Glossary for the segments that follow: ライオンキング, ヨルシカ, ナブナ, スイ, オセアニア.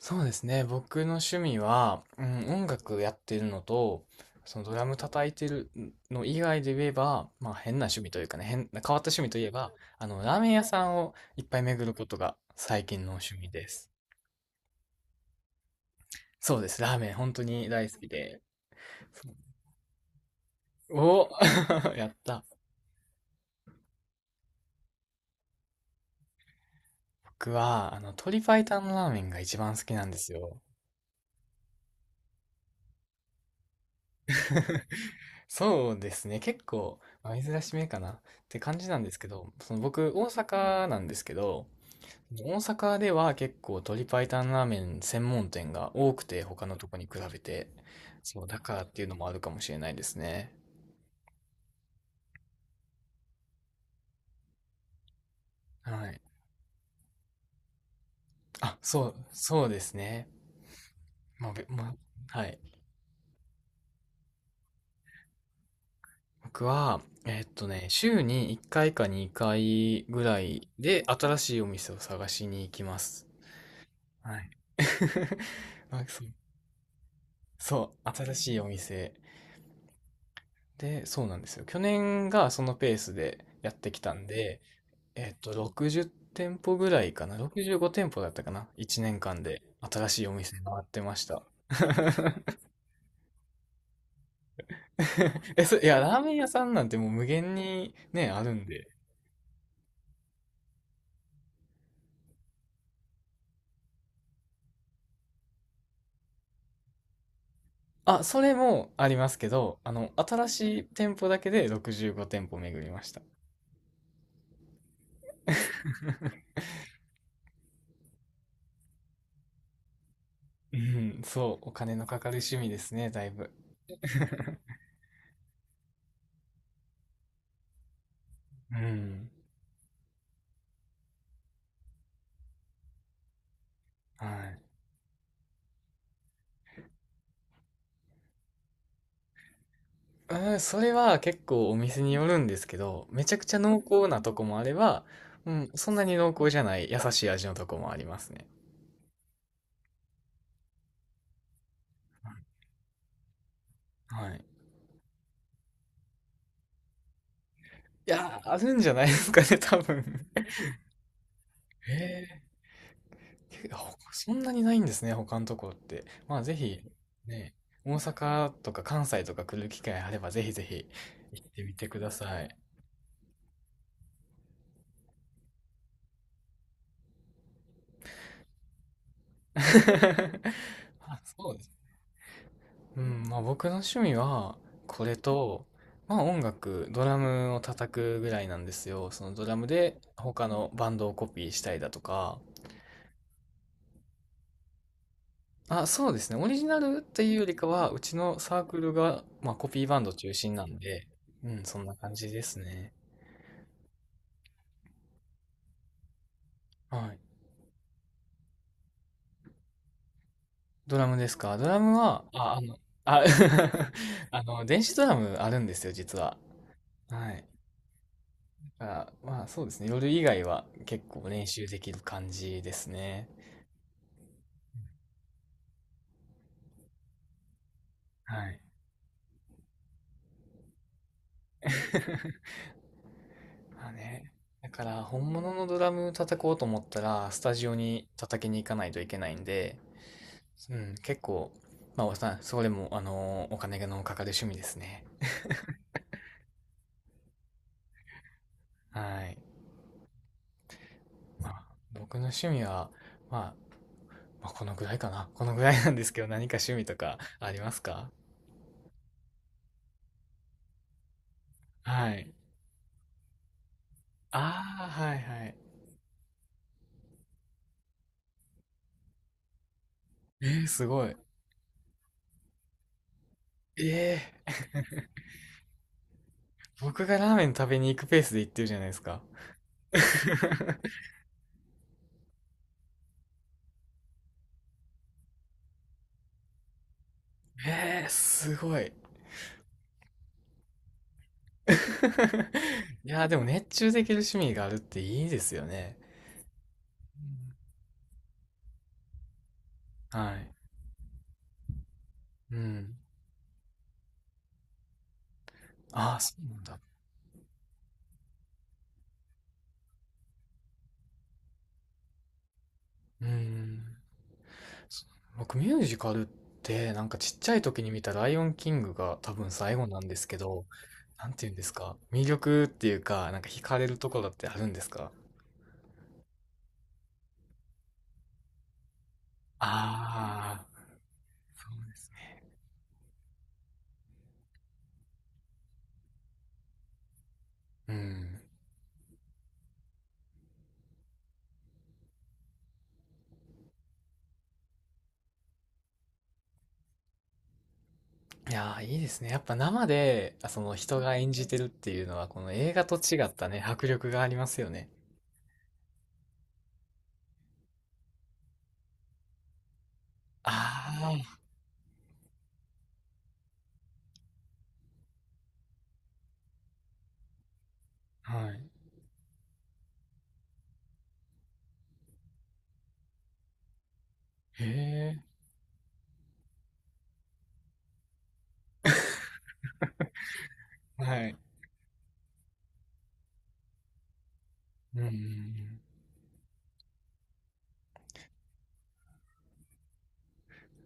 そうですね。僕の趣味は、音楽やってるのと、そのドラム叩いてるの以外で言えば、まあ変な趣味というかね、変わった趣味といえば、ラーメン屋さんをいっぱい巡ることが最近の趣味です。そうです。ラーメン本当に大好きで。お やった。僕は、鶏白湯のラーメンが一番好きなんですよ。そうですね。結構、まあ珍しめかなって感じなんですけど、僕、大阪なんですけど、大阪では結構鶏白湯ラーメン専門店が多くて、他のとこに比べてそうだからっていうのもあるかもしれないですね。はい。あ、そうそうですね。まあ、はい。僕は週に1回か2回ぐらいで新しいお店を探しに行きます。はい。 まあそうそう、新しいお店で、そうなんですよ。去年がそのペースでやってきたんで、60店舗ぐらいかな。65店舗だったかな。1年間で新しいお店回ってました。いや、ラーメン屋さんなんてもう無限にね、あるんで。あ、それもありますけど、新しい店舗だけで65店舗巡りました。うん、そう、お金のかかる趣味ですね、だいぶ。うん、はい。うん、それは結構お店によるんですけど、めちゃくちゃ濃厚なとこもあれば、うん、そんなに濃厚じゃない優しい味のとこもありますね。はい。いやー、あるんじゃないですかね、多分。ええ、そんなにないんですね、他のところって。まあ、ぜひ、ね、大阪とか関西とか来る機会あれば、ぜひぜひ行ってみてください。あ、そうです。うん、まあ僕の趣味は、これと、まあ音楽、ドラムを叩くぐらいなんですよ。そのドラムで他のバンドをコピーしたりだとか、あ、そうですね。オリジナルっていうよりかは、うちのサークルが、まあ、コピーバンド中心なんで、うん、そんな感じですね。はい。ドラムですか？ドラムは、あ、電子ドラムあるんですよ、実は。はい。だからまあ、そうですね。夜以外は結構練習できる感じですね。はい。まあね。だから、本物のドラム叩こうと思ったら、スタジオに叩きに行かないといけないんで、うん、結構、まあ、それも、お金のかかる趣味ですね。はい。まあ、僕の趣味は、まあ、まあ、このぐらいかな。このぐらいなんですけど、何か趣味とかありますか？はい。ああ、はいはい。えー、すごい。えー、僕がラーメン食べに行くペースで行ってるじゃないですか。えー、すごい。いやー、でも熱中できる趣味があるっていいですよね。うん、はい。うん。ああ、そうなんだ。うん。僕ミュージカルってなんかちっちゃい時に見た「ライオンキング」が多分最後なんですけど、なんて言うんですか、魅力っていうか、なんか惹かれるところってあるんですか？ああー、うん。いやー、いいですね。やっぱ生で、その人が演じてるっていうのは、この映画と違ったね、迫力がありますよね。ああ、はい。へえ、はい。うんうんうん。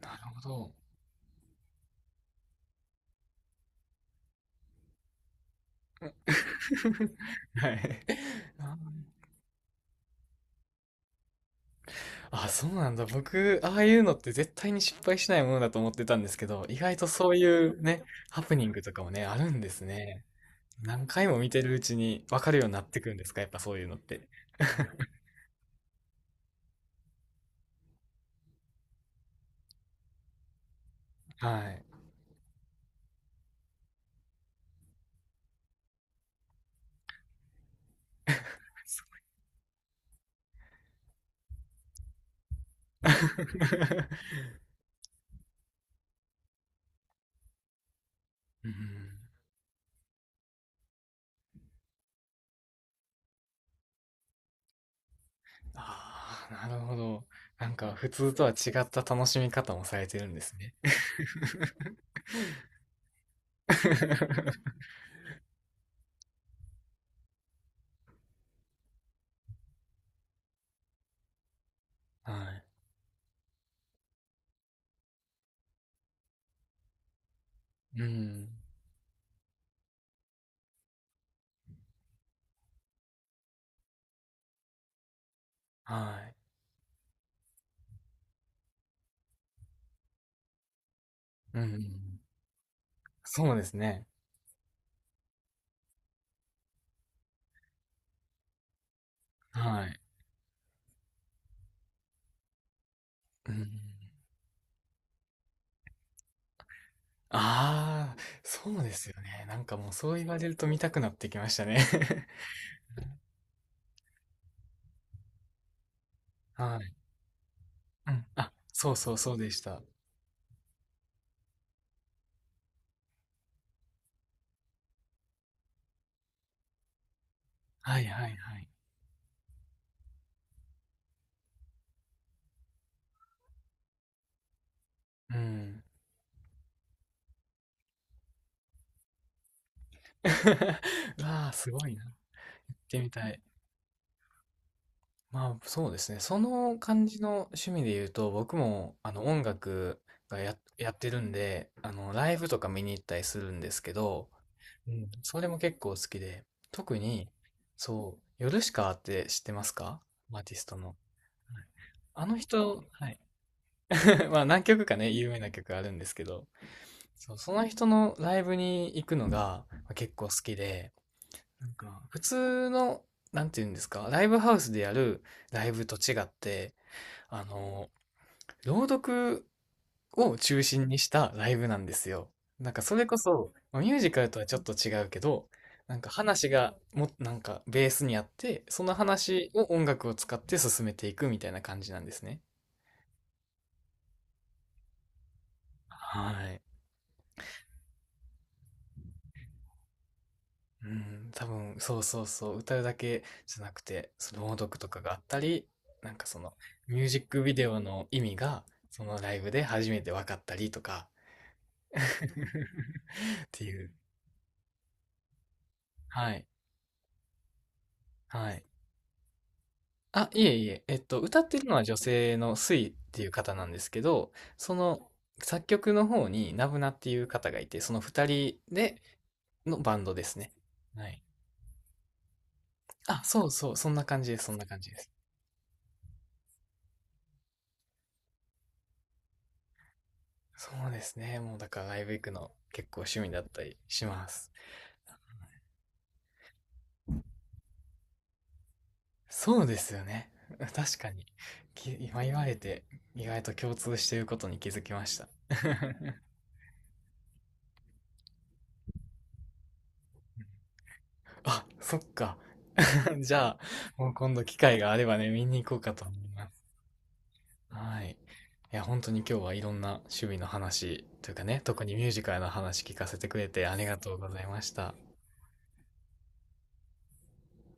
なるほど。はい。あーあ、そうなんだ。僕、ああいうのって絶対に失敗しないものだと思ってたんですけど、意外とそういうね、ハプニングとかもね、あるんですね。何回も見てるうちに分かるようになってくんですか、やっぱそういうのって。はい。うん。ああ、なるほど。なんか、普通とは違った楽しみ方もされてるんですね。はい。うん。はい。うん。そうですね。はい。うん。ああ、そうですよね。なんかもうそう言われると見たくなってきましたね。はい。うん。あ、そうそうそうでした。はいはいはい。うん。わあ、すごいな。行ってみたい。まあそうですね。その感じの趣味で言うと、僕もあの音楽がやってるんで、あのライブとか見に行ったりするんですけど、うん、それも結構好きで、特に、そう、ヨルシカって知ってますか？アーティストの。はい、あの人、はい。まあ何曲かね、有名な曲あるんですけど、そう、その人のライブに行くのがまあ結構好きで、なんか普通の、なんていうんですか、ライブハウスでやるライブと違って、あの、朗読を中心にしたライブなんですよ。なんかそれこそ、まあミュージカルとはちょっと違うけど、なんか話がも、なんかベースにあって、その話を音楽を使って進めていくみたいな感じなんですね。はい。うん、多分、そうそうそう、歌うだけじゃなくて、その朗読とかがあったり、なんかその、ミュージックビデオの意味が、そのライブで初めて分かったりとか、っていう。はい。はい。あ、いえいえ、歌ってるのは女性のスイっていう方なんですけど、その作曲の方にナブナっていう方がいて、その二人でのバンドですね。はい。あ、そうそう、そんな感じです、そんな感じです。そうですね。もうだからライブ行くの結構趣味だったりします。そうですよね。確かに。今言われて意外と共通していることに気づきました。あ、そっか。じゃあ、もう今度機会があればね、見に行こうかと思います。はい。いや、本当に今日はいろんな趣味の話というかね、特にミュージカルの話聞かせてくれてありがとうございました。